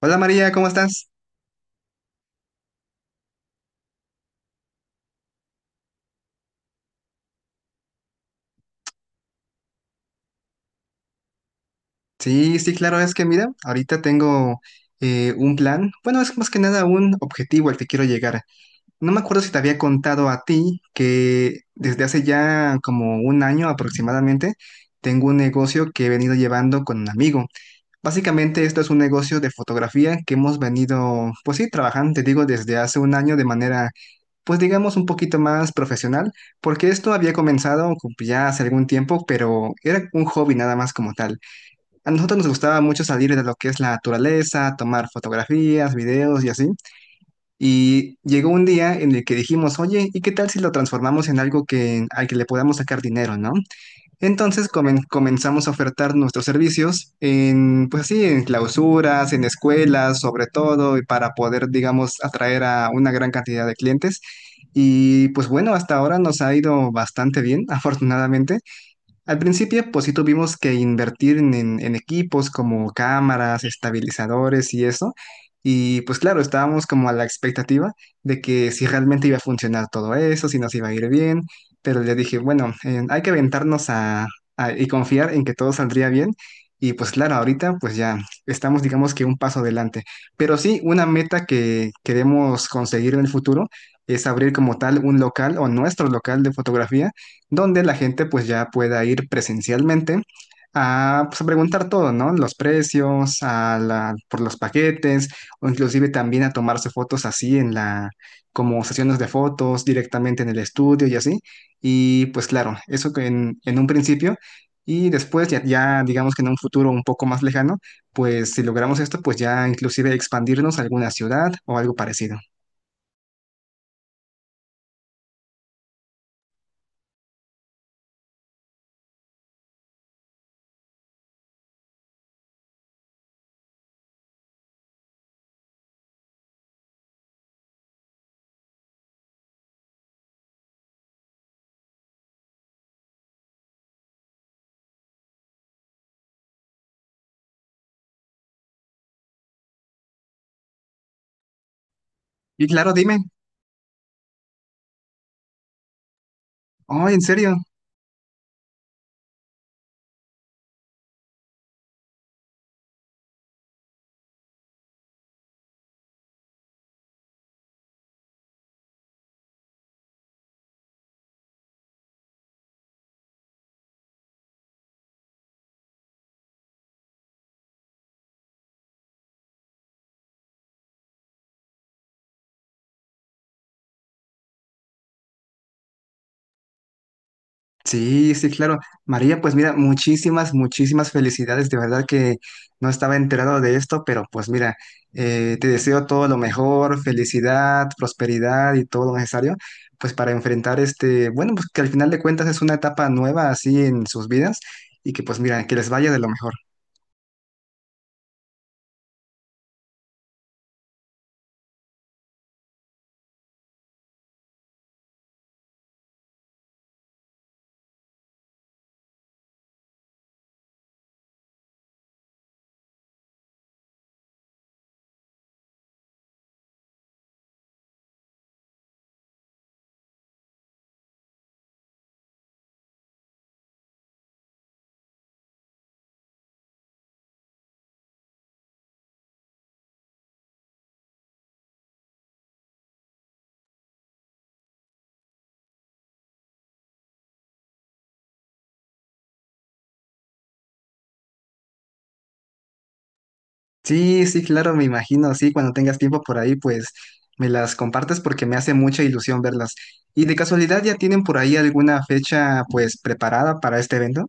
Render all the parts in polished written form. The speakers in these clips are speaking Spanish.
Hola María, ¿cómo estás? Sí, sí, claro, es que mira, ahorita tengo un plan, bueno, es más que nada un objetivo al que quiero llegar. No me acuerdo si te había contado a ti que desde hace ya como un año aproximadamente tengo un negocio que he venido llevando con un amigo. Básicamente esto es un negocio de fotografía que hemos venido, pues sí, trabajando, te digo, desde hace un año de manera, pues digamos, un poquito más profesional, porque esto había comenzado ya hace algún tiempo, pero era un hobby nada más como tal. A nosotros nos gustaba mucho salir de lo que es la naturaleza, tomar fotografías, videos y así. Y llegó un día en el que dijimos, oye, ¿y qué tal si lo transformamos en algo que, al que le podamos sacar dinero, ¿no? Entonces comenzamos a ofertar nuestros servicios en, pues sí, en clausuras, en escuelas, sobre todo, y para poder, digamos, atraer a una gran cantidad de clientes. Y pues bueno, hasta ahora nos ha ido bastante bien, afortunadamente. Al principio, pues sí tuvimos que invertir en, en equipos como cámaras, estabilizadores y eso. Y pues claro, estábamos como a la expectativa de que si realmente iba a funcionar todo eso, si nos iba a ir bien. Pero le dije, bueno, hay que aventarnos a, y confiar en que todo saldría bien. Y pues claro, ahorita pues ya estamos digamos que un paso adelante. Pero sí, una meta que queremos conseguir en el futuro es abrir como tal un local o nuestro local de fotografía donde la gente pues ya pueda ir presencialmente a, pues, a preguntar todo, ¿no? Los precios, por los paquetes, o inclusive también a tomarse fotos así en la, como sesiones de fotos directamente en el estudio y así. Y pues claro, eso que en un principio. Y después ya, ya digamos que en un futuro un poco más lejano, pues si logramos esto, pues ya inclusive expandirnos a alguna ciudad o algo parecido. Y claro, dime, oh, ¿en serio? Sí, sí, claro. María, pues mira, muchísimas, muchísimas felicidades. De verdad que no estaba enterado de esto, pero pues mira, te deseo todo lo mejor, felicidad, prosperidad y todo lo necesario, pues para enfrentar este, bueno, pues que al final de cuentas es una etapa nueva así en sus vidas y que pues mira, que les vaya de lo mejor. Sí, sí, claro, me imagino, sí, cuando tengas tiempo por ahí, pues me las compartes porque me hace mucha ilusión verlas. ¿Y de casualidad ya tienen por ahí alguna fecha pues preparada para este evento?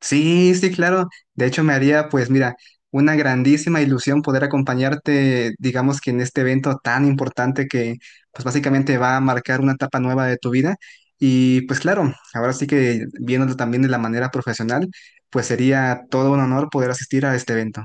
Sí, sí, claro. De hecho, me haría, pues mira, una grandísima ilusión poder acompañarte, digamos que en este evento tan importante que, pues básicamente va a marcar una etapa nueva de tu vida. Y pues claro, ahora sí que viéndolo también de la manera profesional, pues sería todo un honor poder asistir a este evento.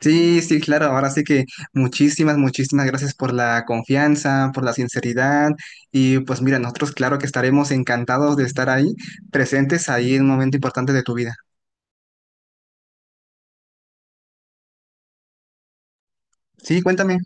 Sí, sí, claro. Ahora sí que muchísimas, muchísimas gracias por la confianza, por la sinceridad. Y pues mira, nosotros claro que estaremos encantados de estar ahí, presentes ahí en un momento importante de tu vida. Sí, cuéntame.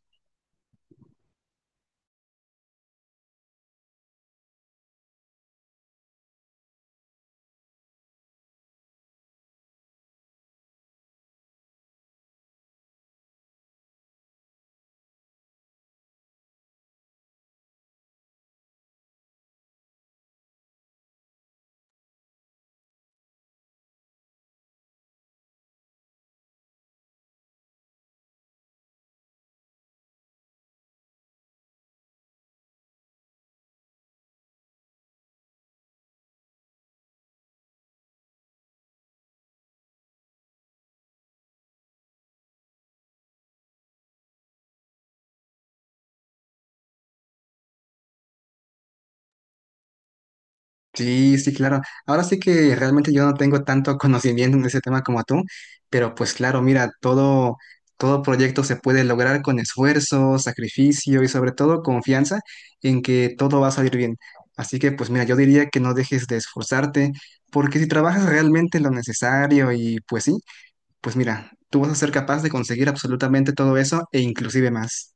Sí, sí, claro. Ahora sí que realmente yo no tengo tanto conocimiento en ese tema como tú, pero pues claro, mira, todo, todo proyecto se puede lograr con esfuerzo, sacrificio y sobre todo confianza en que todo va a salir bien. Así que pues mira, yo diría que no dejes de esforzarte, porque si trabajas realmente lo necesario y pues sí, pues mira, tú vas a ser capaz de conseguir absolutamente todo eso e inclusive más.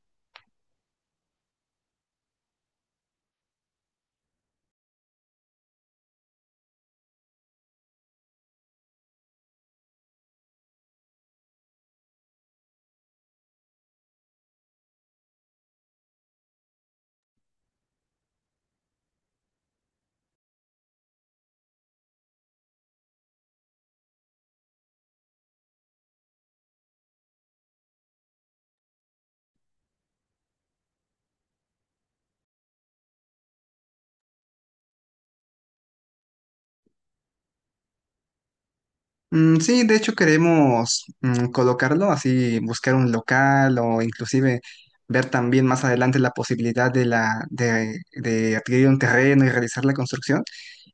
Mm, sí, de hecho queremos colocarlo, así buscar un local o inclusive ver también más adelante la posibilidad de la de adquirir un terreno y realizar la construcción.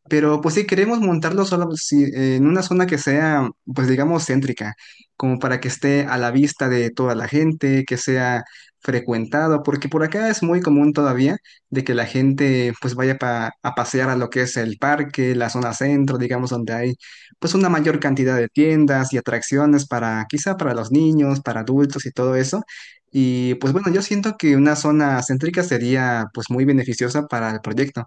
Pero pues sí, queremos montarlo solo en una zona que sea, pues digamos, céntrica, como para que esté a la vista de toda la gente, que sea frecuentado, porque por acá es muy común todavía de que la gente pues vaya a pasear a lo que es el parque, la zona centro, digamos, donde hay pues una mayor cantidad de tiendas y atracciones para quizá para los niños, para adultos y todo eso. Y pues bueno, yo siento que una zona céntrica sería pues muy beneficiosa para el proyecto.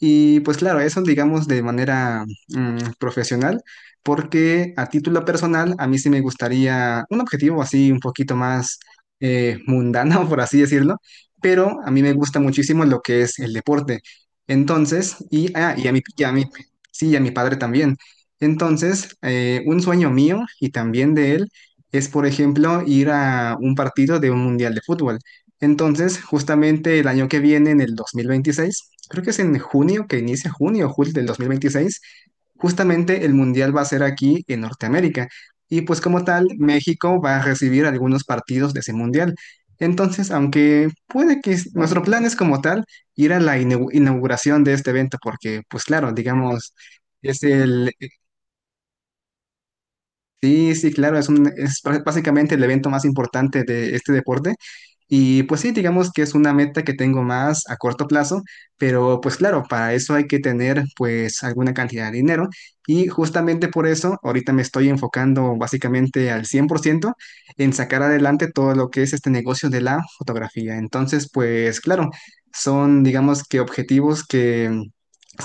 Y pues claro, eso digamos de manera profesional, porque a título personal a mí sí me gustaría un objetivo así un poquito más mundano, por así decirlo, pero a mí me gusta muchísimo lo que es el deporte. Entonces, sí, y a mi padre también. Entonces, un sueño mío y también de él es, por ejemplo, ir a un partido de un mundial de fútbol. Entonces, justamente el año que viene, en el 2026 creo que es en junio, que inicia junio o julio del 2026 justamente el Mundial va a ser aquí en Norteamérica. Y pues como tal, México va a recibir algunos partidos de ese Mundial. Entonces, aunque puede que nuestro plan es como tal ir a la inauguración de este evento, porque pues claro, digamos, es el, sí, sí, claro, es un, es básicamente el evento más importante de este deporte. Y pues sí, digamos que es una meta que tengo más a corto plazo, pero pues claro, para eso hay que tener pues alguna cantidad de dinero y justamente por eso ahorita me estoy enfocando básicamente al 100% en sacar adelante todo lo que es este negocio de la fotografía. Entonces, pues claro, son digamos que objetivos que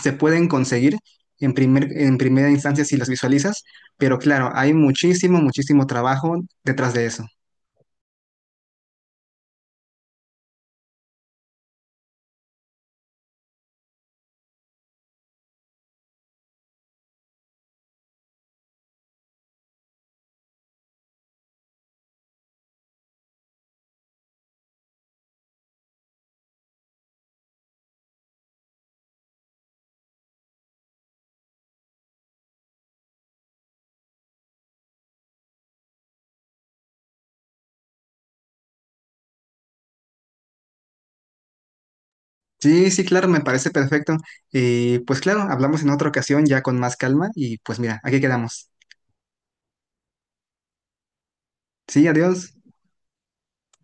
se pueden conseguir en primera instancia si los visualizas pero claro, hay muchísimo, muchísimo trabajo detrás de eso. Sí, sí, claro, me parece perfecto. Y pues claro, hablamos en otra ocasión ya con más calma y pues mira, aquí quedamos. Sí, adiós.